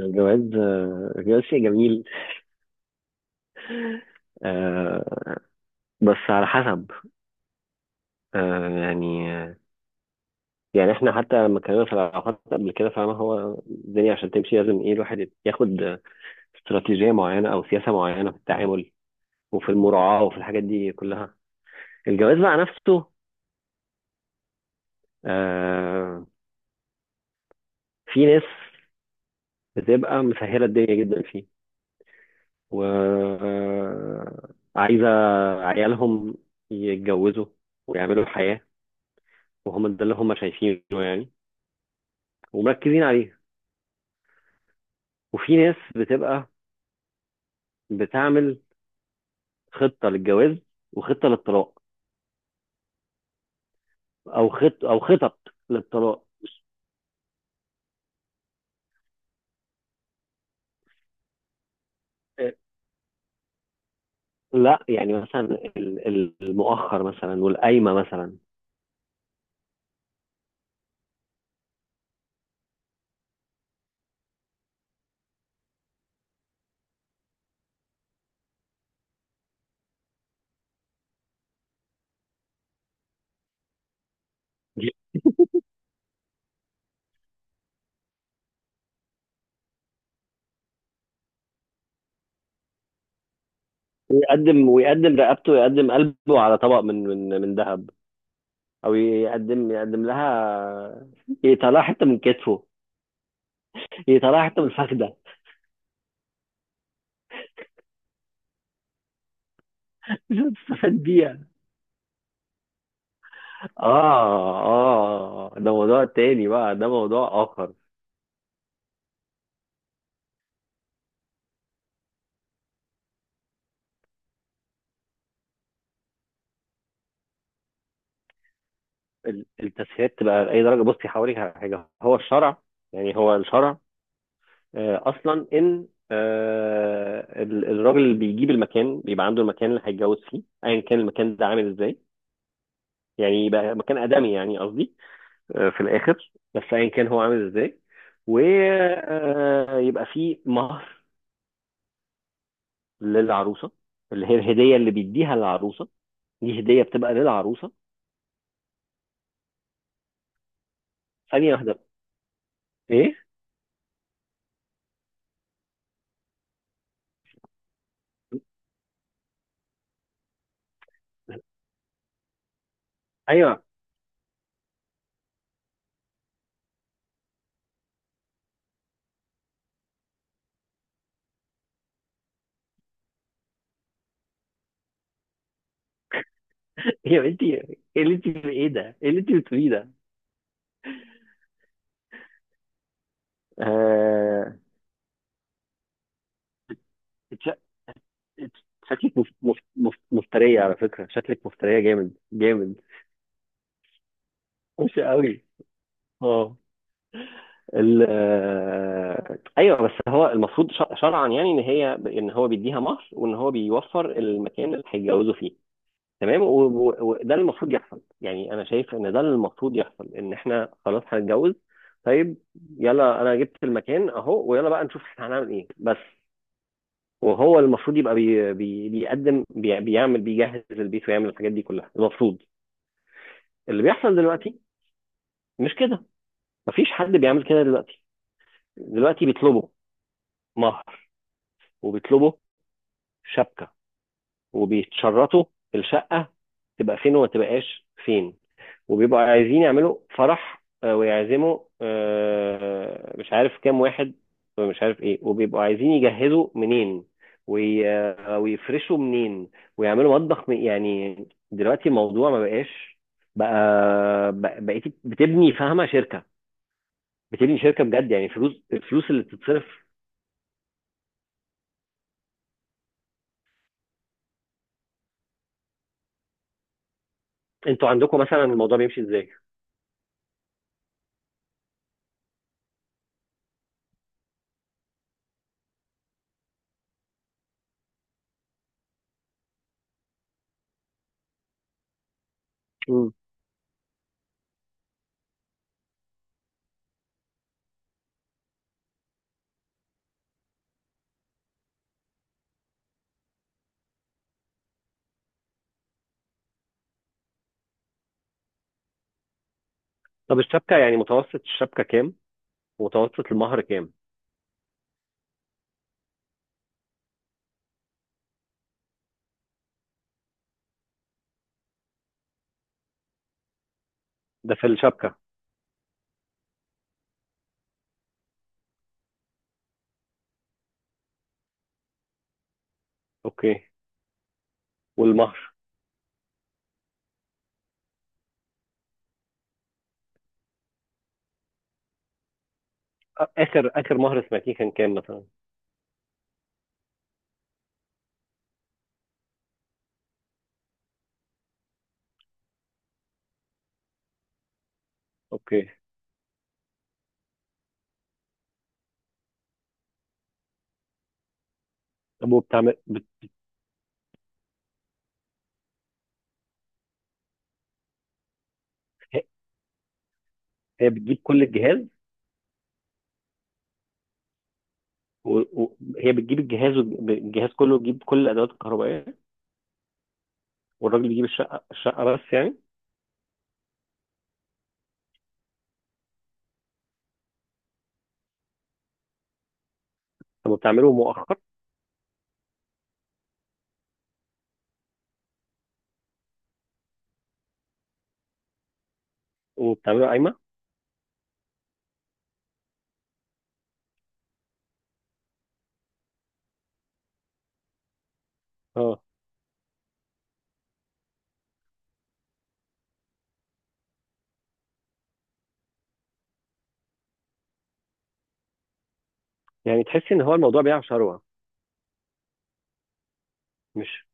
الجواز آه، الجواز شيء جميل. آه، بس على حسب. آه، يعني آه، يعني احنا حتى لما اتكلمنا في العلاقات قبل كده، فاهم؟ هو الدنيا عشان تمشي لازم ايه؟ الواحد ياخد استراتيجية معينة او سياسة معينة في التعامل وفي المراعاة وفي الحاجات دي كلها. الجواز بقى نفسه، آه، في ناس بتبقى مسهلة الدنيا جدا فيه، وعايزة عيالهم يتجوزوا ويعملوا حياة، وهم ده اللي هم شايفينه يعني، ومركزين عليها. وفي ناس بتبقى بتعمل خطة للجواز وخطة للطلاق، او خط او خطط للطلاق. لا يعني مثلا المؤخر مثلا والقايمة مثلا. يقدم ويقدم رقبته، ويقدم قلبه على طبق من ذهب، او يقدم لها، يطلع حته من كتفه، يطلع حته من الفخده. مش هتستفاد بيها. اه اه، ده موضوع تاني بقى، ده موضوع اخر. التسهيلات تبقى لاي درجه؟ بصي، هوريك على حاجه. هو الشرع، يعني هو الشرع، آه، اصلا ان الراجل اللي بيجيب المكان بيبقى عنده المكان اللي هيتجوز فيه، ايا كان المكان ده عامل ازاي. يعني يبقى مكان ادمي يعني، قصدي آه، في الاخر، بس ايا كان هو عامل ازاي. ويبقى فيه مهر للعروسه، اللي هي الهديه اللي بيديها للعروسه. دي هديه بتبقى للعروسه. ثانيه واحده. ايه؟ ايوه. هي انت ايه ده؟ ايه اللي انت بتقوليه ده؟ آه... إنت إنت شكلك مفترية على فكرة. شكلك مفترية جامد جامد، وحشة قوي. اه. ايوه، بس هو المفروض شرعا يعني ان هي ان هو بيديها مهر، وان هو بيوفر المكان اللي هيتجوزوا فيه. تمام. وده اللي المفروض يحصل. يعني انا شايف ان ده اللي المفروض يحصل، ان احنا خلاص هنتجوز. طيب، يلا انا جبت المكان اهو، ويلا بقى نشوف احنا هنعمل ايه. بس وهو المفروض يبقى بي بي بيقدم بي بيعمل، بيجهز البيت، ويعمل الحاجات دي كلها المفروض. اللي بيحصل دلوقتي مش كده. مفيش حد بيعمل كده دلوقتي. دلوقتي بيطلبوا مهر، وبيطلبوا شبكة، وبيتشرطوا الشقة تبقى فين وما تبقاش فين. وبيبقوا عايزين يعملوا فرح، ويعزموا مش عارف كام واحد، مش عارف ايه. وبيبقوا عايزين يجهزوا منين، وي... آه، ويفرشوا منين، ويعملوا مطبخ يعني دلوقتي الموضوع ما بقاش. بقى بقيتي بتبني، فاهمة، شركة. بتبني شركة بجد يعني. فلوس، الفلوس اللي بتتصرف! انتوا عندكم مثلا الموضوع بيمشي ازاي؟ مم. طب الشبكة يعني، متوسط الشبكة كام؟ ومتوسط المهر كام؟ ده في الشبكة. اوكي. والمهر؟ اخر مهر سمعتيه كان كام مثلا؟ اوكي. طب وبتعمل هي بتجيب كل الجهاز؟ هي بتجيب الجهاز، الجهاز كله بيجيب كل الادوات الكهربائيه؟ والراجل بيجيب الشقه، بس يعني؟ طب وبتعمله مؤخر؟ وبتعمله قايمه؟ اه. يعني تحسي ان هو الموضوع بيع شروه مش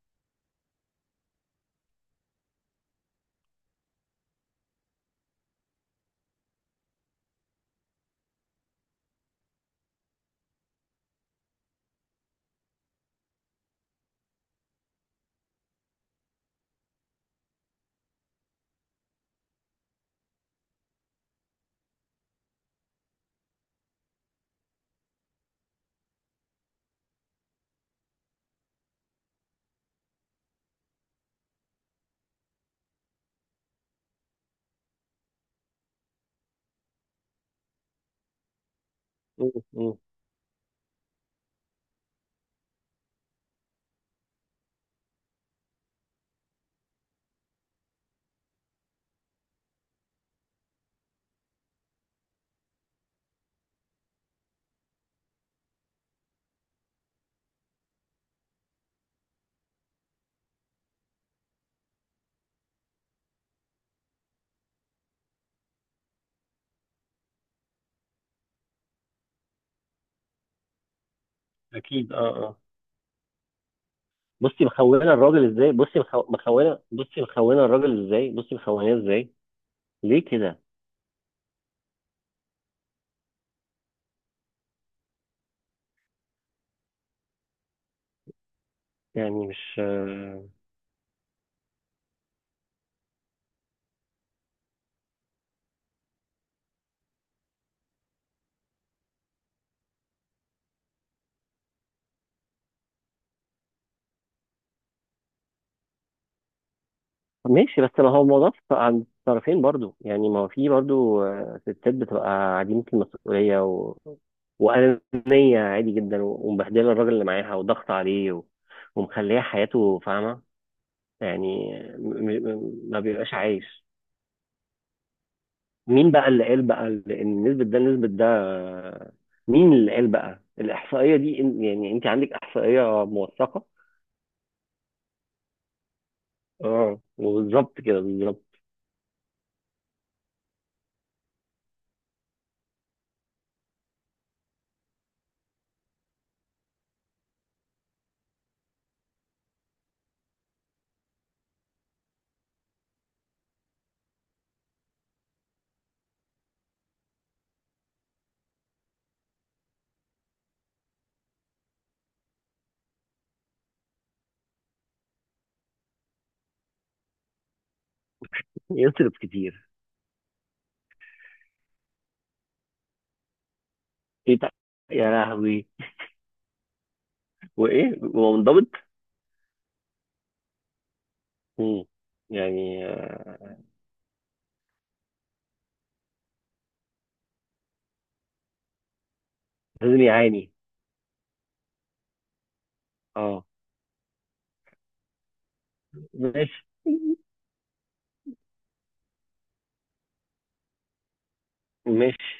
م. اكيد اه اه. بصي مخونه الراجل ازاي؟ بصي مخونه الراجل ازاي، بصي مخونه ازاي. ليه كده؟ يعني مش... ماشي، بس ما هو الموضوع عند الطرفين برضو يعني. ما هو في برضو آه، ستات بتبقى عديمة المسؤولية وأنانية عادي جدا، ومبهدلة الراجل اللي معاها وضغط عليه ومخليه حياته فاهمة، يعني ما بيبقاش عايش. مين بقى اللي قال بقى إن نسبة ده نسبة ده؟ آه، مين اللي قال بقى الإحصائية دي؟ يعني أنت عندك إحصائية موثقة؟ اه، وبالظبط كده بالظبط. يصرف كتير؟ إيه بقى؟ يا لهوي، وايه ومنضبط؟ مم. يعني آه، لازم يعاني. اه. ماشي ماشي.